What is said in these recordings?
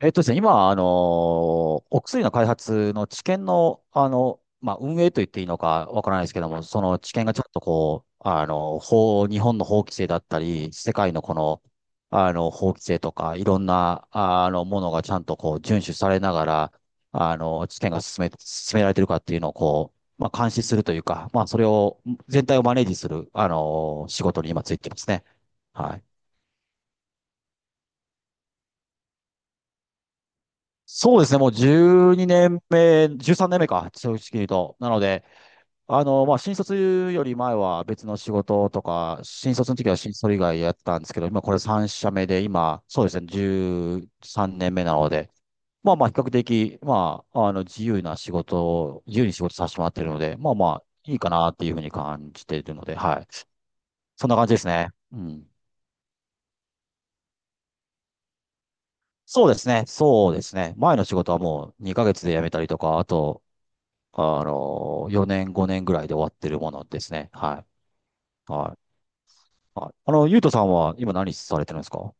えっとですね、今、お薬の開発の治験の、運営と言っていいのかわからないですけども、その治験がちょっとこう、日本の法規制だったり、世界のこの、法規制とか、いろんな、ものがちゃんとこう、遵守されながら、治験が進められてるかっていうのをこう、監視するというか、それを、全体をマネージする、あの仕事に今ついてますね。はい。そうですね、もう12年目、13年目か、正直言うと。なので、新卒より前は別の仕事とか、新卒の時は新卒以外やったんですけど、今これ3社目で、今、そうですね、13年目なので、まあまあ、比較的、自由な仕事を、自由に仕事させてもらってるので、まあまあ、いいかなっていうふうに感じているので、はい。そんな感じですね。うん。そうですね、そうですね。前の仕事はもう2ヶ月で辞めたりとか、あと、4年、5年ぐらいで終わってるものですね。はい。はい。はい。ゆうとさんは今何されてるんですか？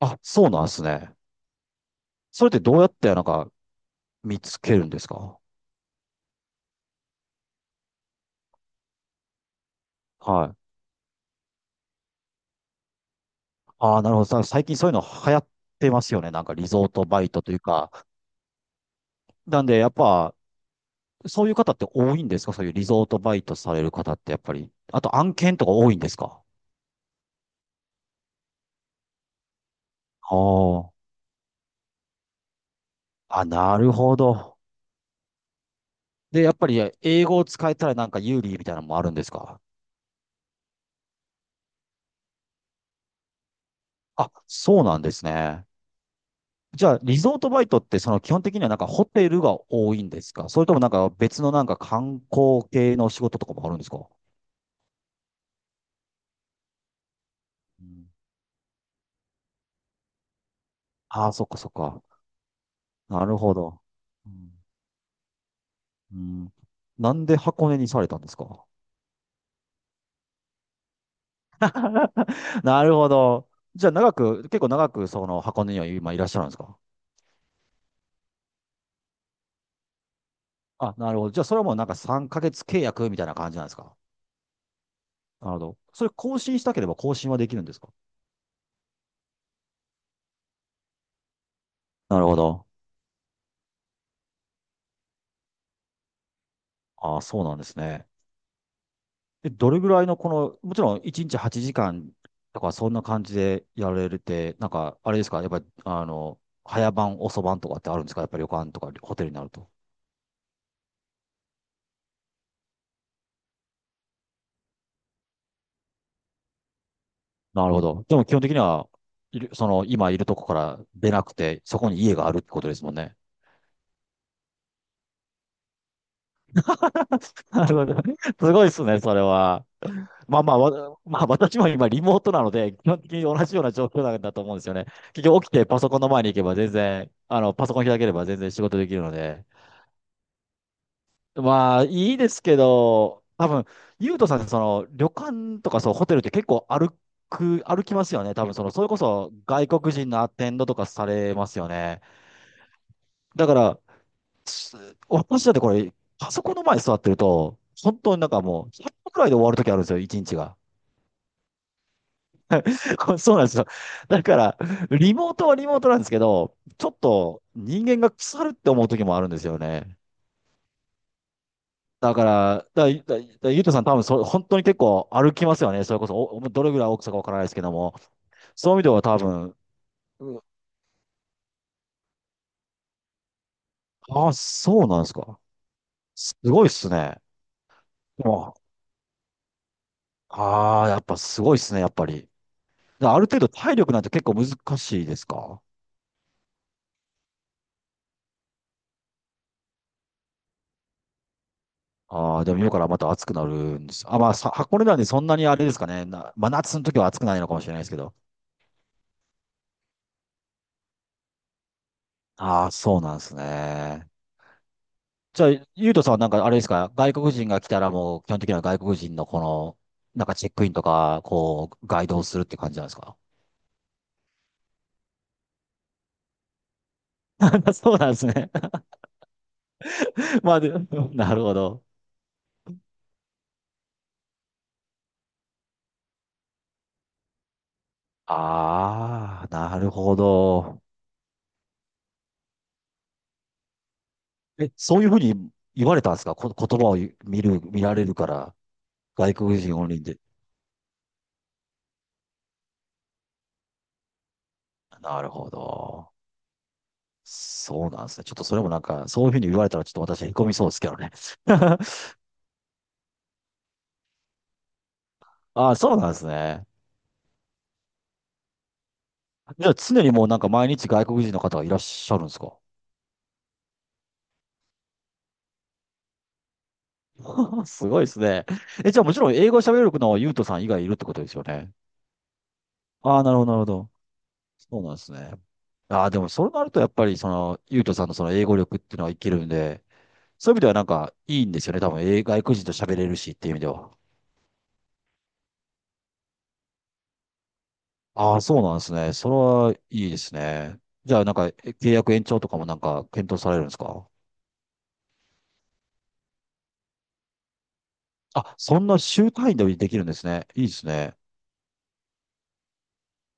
あ、そうなんですね。それってどうやってなんか見つけるんですか？はい。ああ、なるほど。最近そういうの流行ってますよね。なんかリゾートバイトというか。なんで、やっぱ、そういう方って多いんですか？そういうリゾートバイトされる方ってやっぱり。あと案件とか多いんですか？ああ。あ、なるほど。で、やっぱり英語を使えたらなんか有利みたいなのもあるんですか？あ、そうなんですね。じゃあ、リゾートバイトって、その基本的にはなんかホテルが多いんですか？それともなんか別のなんか観光系の仕事とかもあるんですか？うん。ああ、そっかそっか。なるほど。うん。うん。なんで箱根にされたんですか？ なるほど。じゃあ、結構長くその箱根には今いらっしゃるんですか？あ、なるほど。じゃあ、それはもうなんか3ヶ月契約みたいな感じなんですか？なるほど。それ更新したければ更新はできるんですか？なるほど。ああ、そうなんですね。え、どれぐらいのこの、もちろん1日8時間とかそんな感じでやれるって、なんかあれですか、やっぱり早晩、遅晩とかってあるんですか、やっぱり旅館とかホテルになると。なるほど。でも基本的には、その今いるとこから出なくて、そこに家があるってことですもんね。なるほど。すごいですね、それは。まあまあ、私も今リモートなので、基本的に同じような状況なんだと思うんですよね。結局起きてパソコンの前に行けば全然、パソコン開ければ全然仕事できるので。まあ、いいですけど、多分、ゆうとさんってその、旅館とかそう、ホテルって結構歩きますよね。多分、その、それこそ外国人のアテンドとかされますよね。だから、す私だってこれ、パソコンの前に座ってると、本当になんかもう、100歩くらいで終わる時あるんですよ、一日が。これそうなんですよ。だから、リモートはリモートなんですけど、ちょっと人間が腐るって思う時もあるんですよね。だから、だ、だ、だゆうとさん多分本当に結構歩きますよね。それこそ、どれぐらい大きさかわからないですけども。そういう意味では多分、うん。あ、そうなんですか。すごいっすね。でも、ああ、やっぱすごいっすね、やっぱり。である程度体力なんて結構難しいですか？ああー、でも今からまた暑くなるんです。箱根なんでそんなにあれですかね。真夏の時は暑くないのかもしれないですけど。ああ、そうなんですね。じゃあ、ゆうとさんはなんかあれですか、外国人が来たらもう基本的には外国人のこの、なんかチェックインとか、こう、ガイドをするって感じなんですか？ そうなんですね。で、なるほど。ああ、なるほど。え、そういうふうに言われたんですか？言葉を見られるから、外国人オンリーで。なるほど。そうなんですね。ちょっとそれもなんか、そういうふうに言われたらちょっと私へこみそうですけどね。ああ、そうなんですね。じゃあ常にもうなんか毎日外国人の方がいらっしゃるんですか？ すごいですね。え、じゃあもちろん英語喋れるのはユうトさん以外いるってことですよね。ああ、なるほど、なるほど。そうなんですね。ああ、でもそうなるとやっぱりその、ゆうとさんのその英語力っていうのは生きるんで、そういう意味ではなんかいいんですよね。多分、外国人と喋れるしっていう意味では。ああ、そうなんですね。それはいいですね。じゃあなんか契約延長とかもなんか検討されるんですか？あ、そんな週単位でできるんですね。いいですね。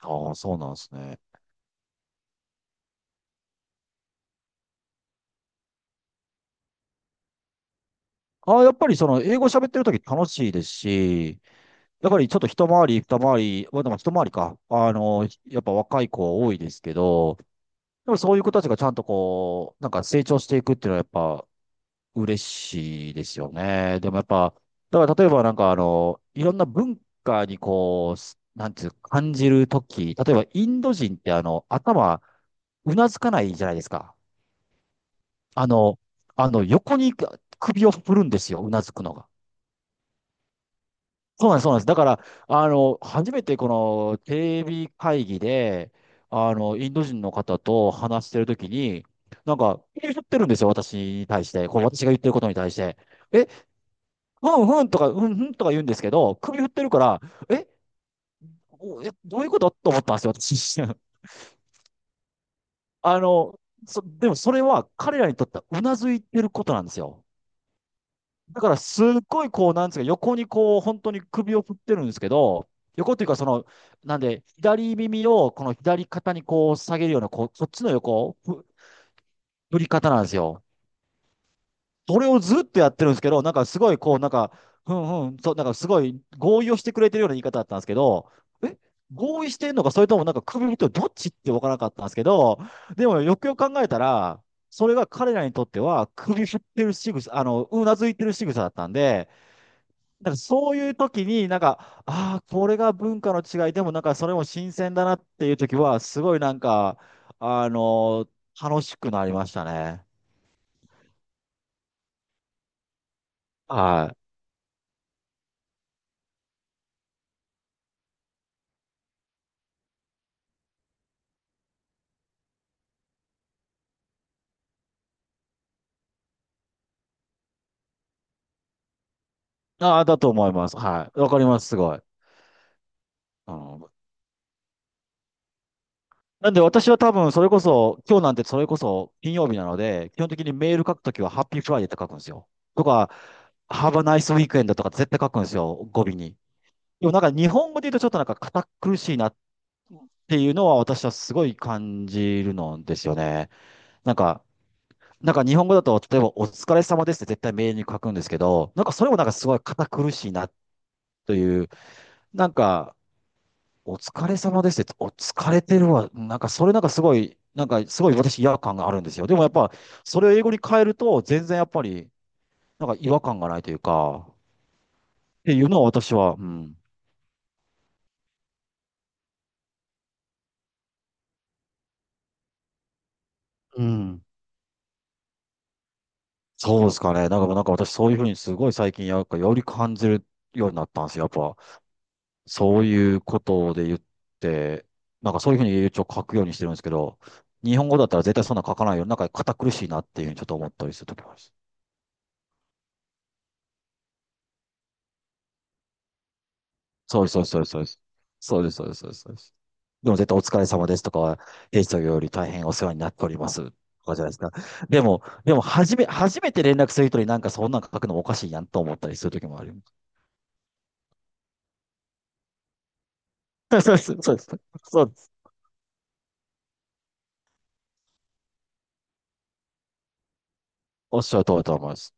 ああ、そうなんですね。ああ、やっぱりその英語喋ってるとき楽しいですし、やっぱりちょっと一回り、二回り、まあでも一回りか、やっぱ若い子多いですけど、でもそういう子たちがちゃんとこう、なんか成長していくっていうのはやっぱ嬉しいですよね。でもやっぱ、だから例えばなんかいろんな文化にこう、なんていう感じるとき例えばインド人って頭、うなずかないじゃないですか。あの、横に首を振るんですよ、うなずくのが。そうなんです、そうなんです。だから、初めてこのテレビ会議で、インド人の方と話してるときに、なんか、言ってるんですよ、私に対して。こう、私が言ってることに対して。え、うんうんとか、うんうんとか言うんですけど、首振ってるから、え、どういうことと思ったんですよ、私。あの、でもそれは彼らにとってはうなずいてることなんですよ。だからすっごいこう、なんですか、横にこう、本当に首を振ってるんですけど、横っていうかその、なんで、左耳をこの左肩にこう下げるような、こう、そっちの横、振り方なんですよ。それをずっとやってるんですけど、なんかすごいこう、なんか、ふんふん、そう、なんかすごい合意をしてくれてるような言い方だったんですけど、え合意してるのか、それともなんか首振ってどっちって分からなかったんですけど、でもよくよく考えたら、それが彼らにとっては首振ってる仕草、うなずいてる仕草だったんで、なんかそういう時に、なんか、ああ、これが文化の違いでも、なんかそれも新鮮だなっていう時は、すごいなんか、あの楽しくなりましたね。はい。ああ、だと思います。はい。わかります、すごい。あの、なんで私は多分、それこそ、今日なんてそれこそ金曜日なので、基本的にメール書くときは、ハッピーフライデーって書くんですよ。とか、ハブナイスウィークエンドとか絶対書くんですよ、語尾に。でもなんか日本語で言うとちょっとなんか堅苦しいなっていうのは私はすごい感じるのですよね。なんか、日本語だと、例えばお疲れ様ですって絶対メールに書くんですけど、なんかそれもなんかすごい堅苦しいなという、なんか、お疲れ様ですって、お疲れてるわ。なんかそれなんかすごい私違和感があるんですよ。でもやっぱ、それを英語に変えると、全然やっぱり、なんか違和感がないというか、っていうのは私は、うん。うん。そうですかね。なんか私そういうふうにすごい最近、やっぱより感じるようになったんですよ。やっぱ。そういうことで言って、なんかそういうふうに一応書くようにしてるんですけど、日本語だったら絶対そんな書かないよ。なんか堅苦しいなっていうふうにちょっと思ったりするときもそうです、そうです、そうです。そうです、そうです、そうです。そうですそうです。でも絶対お疲れ様ですとかは、平時より大変お世話になっております。とかじゃないですか。でも、初めて連絡する人になんかそんなん書くのもおかしいやんと思ったりするときもあります。そうです、そうです。そうです。おっしゃる通りだと思います。